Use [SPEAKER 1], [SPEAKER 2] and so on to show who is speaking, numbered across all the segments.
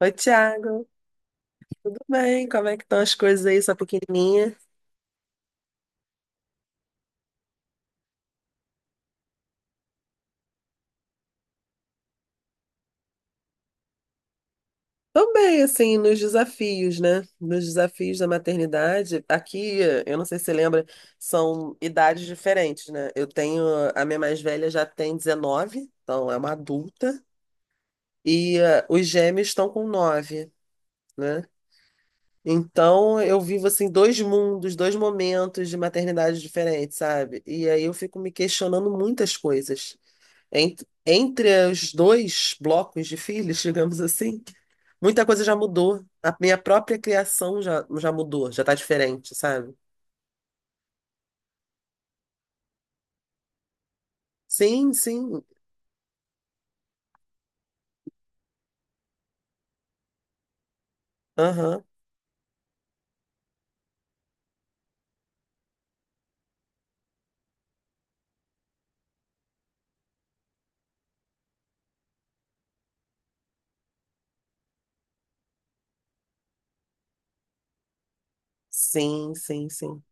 [SPEAKER 1] Oi, Thiago. Tudo bem? Como é que estão as coisas aí, sua pequenininha? Tô bem, assim, nos desafios, né? Nos desafios da maternidade. Aqui, eu não sei se você lembra, são idades diferentes, né? Eu tenho, a minha mais velha já tem 19, então é uma adulta, e os gêmeos estão com 9, né? Então, eu vivo, assim, dois mundos, dois momentos de maternidade diferentes, sabe? E aí eu fico me questionando muitas coisas. Ent- Entre os dois blocos de filhos, digamos assim, muita coisa já mudou. A minha própria criação já mudou, já tá diferente, sabe? Sim, sim. Aham. Sim, sim, sim.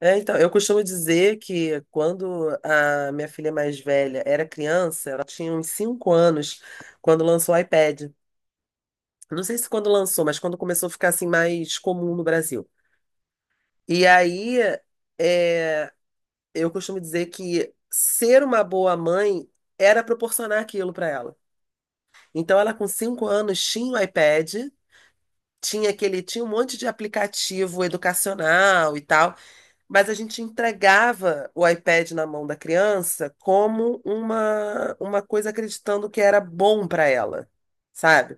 [SPEAKER 1] É, então, eu costumo dizer que quando a minha filha mais velha era criança, ela tinha uns 5 anos quando lançou o iPad. Não sei se quando lançou, mas quando começou a ficar assim mais comum no Brasil. E aí, é, eu costumo dizer que ser uma boa mãe era proporcionar aquilo para ela. Então, ela com cinco anos tinha o iPad, tinha aquele, tinha um monte de aplicativo educacional e tal, mas a gente entregava o iPad na mão da criança como uma coisa acreditando que era bom para ela, sabe?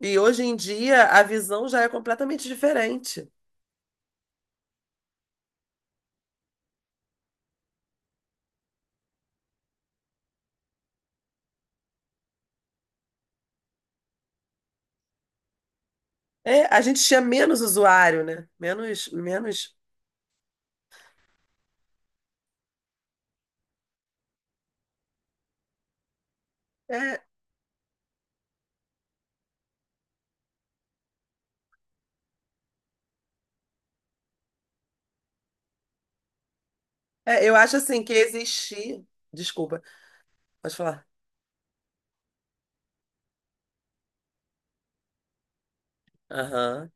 [SPEAKER 1] E hoje em dia a visão já é completamente diferente. É, a gente tinha menos usuário, né? Menos, menos. É, é, eu acho assim que existir. Desculpa, pode falar. Aham,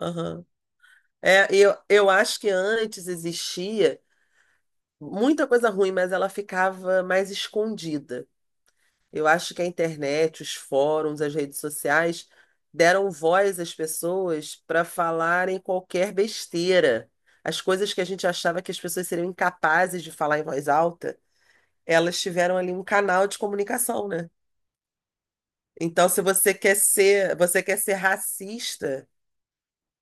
[SPEAKER 1] aham. É, eu acho que antes existia muita coisa ruim, mas ela ficava mais escondida. Eu acho que a internet, os fóruns, as redes sociais deram voz às pessoas para falarem qualquer besteira. As coisas que a gente achava que as pessoas seriam incapazes de falar em voz alta, elas tiveram ali um canal de comunicação, né? Então, se você quer ser, você quer ser racista.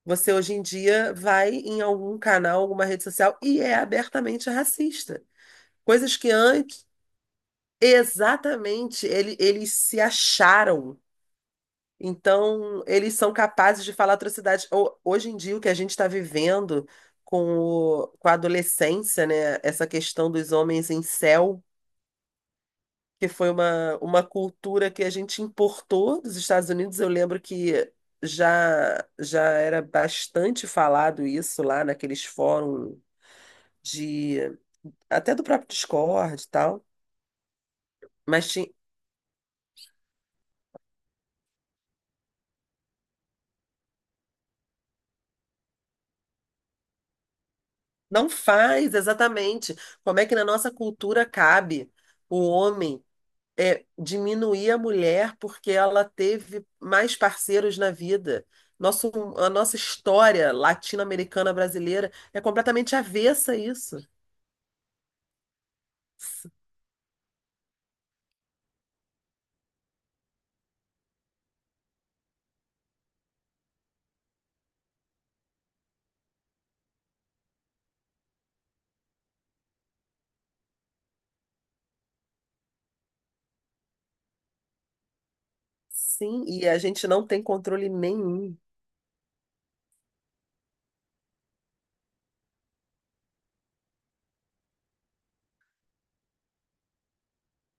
[SPEAKER 1] Você hoje em dia vai em algum canal, alguma rede social e é abertamente racista. Coisas que antes, exatamente, eles se acharam. Então, eles são capazes de falar atrocidades. Hoje em dia, o que a gente está vivendo com, com a adolescência, né? Essa questão dos homens em incel, que foi uma cultura que a gente importou dos Estados Unidos. Eu lembro que já já era bastante falado isso lá naqueles fóruns de até do próprio Discord e tal, mas não faz exatamente como é que na nossa cultura cabe o homem diminuir a mulher porque ela teve mais parceiros na vida. Nosso, a nossa história latino-americana brasileira é completamente avessa a isso. S- Sim, e a gente não tem controle nenhum.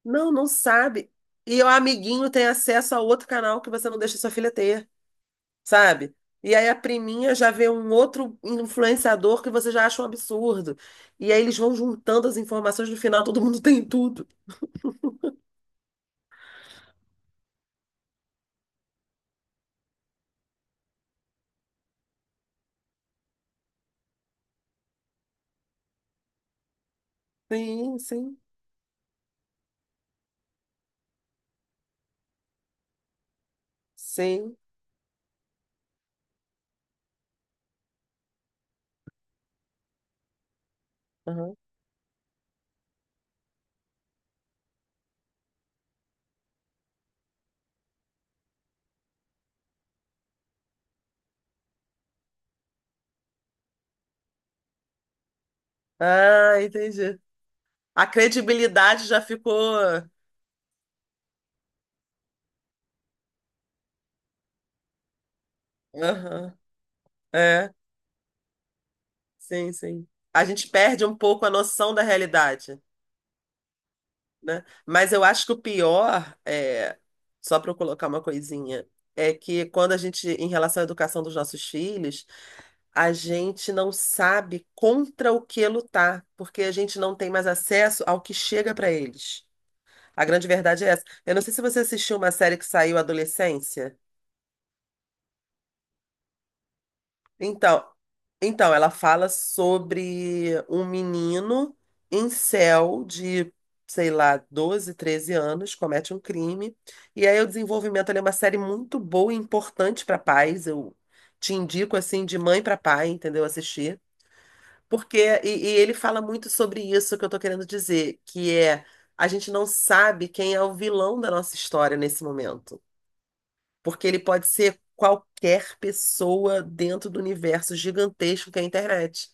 [SPEAKER 1] Não, não sabe. E o amiguinho tem acesso a outro canal que você não deixa sua filha ter. Sabe? E aí a priminha já vê um outro influenciador que você já acha um absurdo. E aí eles vão juntando as informações, no final todo mundo tem tudo. Sim, sim, sim. Aham. Ah, entendi. A credibilidade já ficou. Aham. É, sim, sim. A gente perde um pouco a noção da realidade, né? Mas eu acho que o pior é, só para eu colocar uma coisinha, é que quando a gente, em relação à educação dos nossos filhos, a gente não sabe contra o que lutar, porque a gente não tem mais acesso ao que chega para eles. A grande verdade é essa. Eu não sei se você assistiu uma série que saiu Adolescência. Então, então ela fala sobre um menino incel de, sei lá, 12 13 anos, comete um crime. E aí o desenvolvimento ele é uma série muito boa e importante para pais. Eu te indico assim de mãe para pai, entendeu? Assistir. Porque, e ele fala muito sobre isso que eu tô querendo dizer, que é a gente não sabe quem é o vilão da nossa história nesse momento. Porque ele pode ser qualquer pessoa dentro do universo gigantesco que é a internet.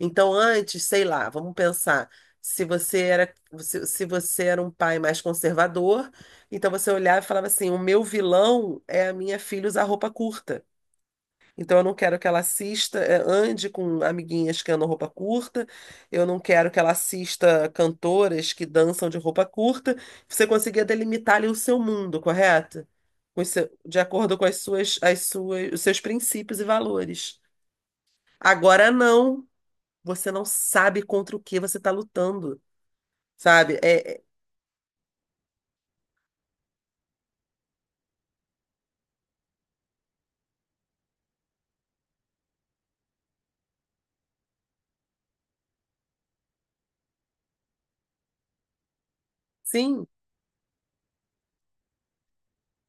[SPEAKER 1] Então, antes, sei lá, vamos pensar. Se você era, se você era um pai mais conservador, então você olhava e falava assim: o meu vilão é a minha filha usar roupa curta. Então, eu não quero que ela assista, ande com amiguinhas que andam roupa curta, eu não quero que ela assista cantoras que dançam de roupa curta. Você conseguia delimitar ali o seu mundo, correto? Com o de acordo com as suas, os seus princípios e valores. Agora não, você não sabe contra o que você está lutando, sabe? Sim,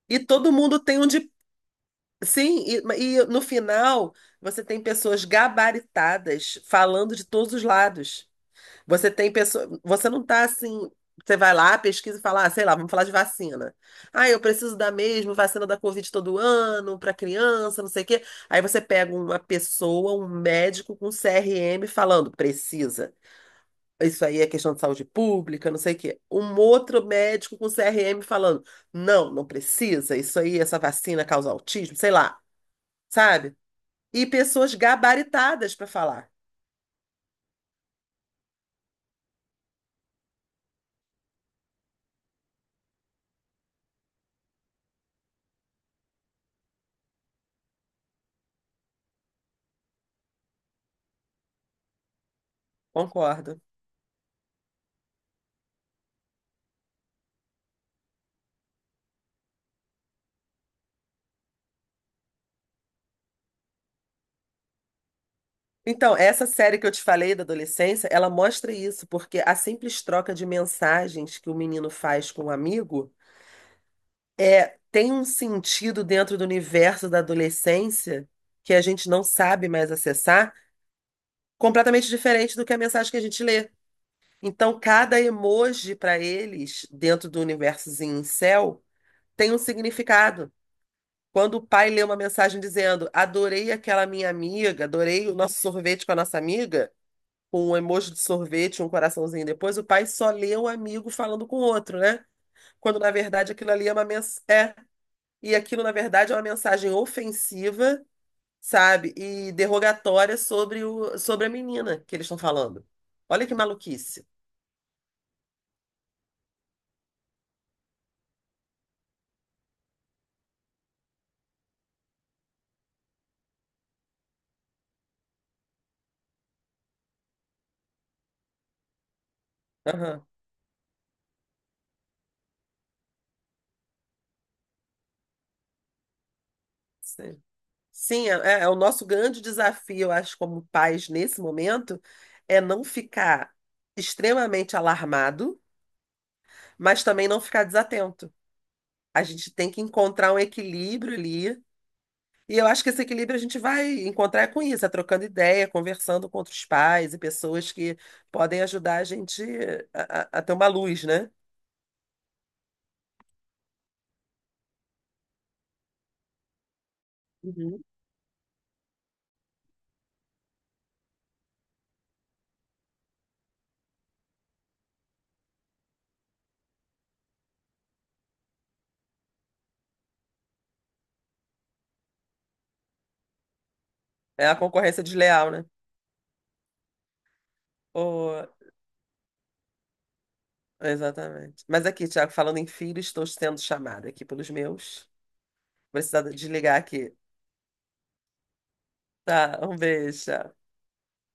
[SPEAKER 1] e todo mundo tem um de. Sim, e no final você tem pessoas gabaritadas falando de todos os lados. Você tem pessoa, você não tá assim, você vai lá, pesquisa e fala, ah, sei lá, vamos falar de vacina. Ah, eu preciso da mesma vacina da Covid todo ano para criança, não sei o quê. Aí você pega uma pessoa, um médico com CRM falando, precisa. Isso aí é questão de saúde pública, não sei o quê. Um outro médico com CRM falando, não, não precisa. Isso aí, essa vacina causa autismo, sei lá, sabe? E pessoas gabaritadas para falar. Concordo. Então, essa série que eu te falei da adolescência, ela mostra isso, porque a simples troca de mensagens que o menino faz com o amigo é tem um sentido dentro do universo da adolescência que a gente não sabe mais acessar, completamente diferente do que a mensagem que a gente lê. Então, cada emoji para eles, dentro do universozinho incel, tem um significado. Quando o pai lê uma mensagem dizendo: Adorei aquela minha amiga, adorei o nosso sorvete com a nossa amiga. Com um emoji de sorvete, um coraçãozinho depois, o pai só lê o amigo falando com o outro, né? Quando na verdade aquilo ali é uma e aquilo na verdade é uma mensagem ofensiva, sabe? E derrogatória sobre o sobre a menina que eles estão falando. Olha que maluquice. Aham. Sim, sim, é é o nosso grande desafio, eu acho, como pais nesse momento, é não ficar extremamente alarmado, mas também não ficar desatento. A gente tem que encontrar um equilíbrio ali. E eu acho que esse equilíbrio a gente vai encontrar com isso, é trocando ideia, conversando com outros pais e pessoas que podem ajudar a gente a, a ter uma luz, né? Uhum. É a concorrência desleal, né? Ô, exatamente. Mas aqui, Tiago, falando em filho, estou sendo chamada aqui pelos meus. Vou precisar desligar aqui. Tá, um beijo. Tchau.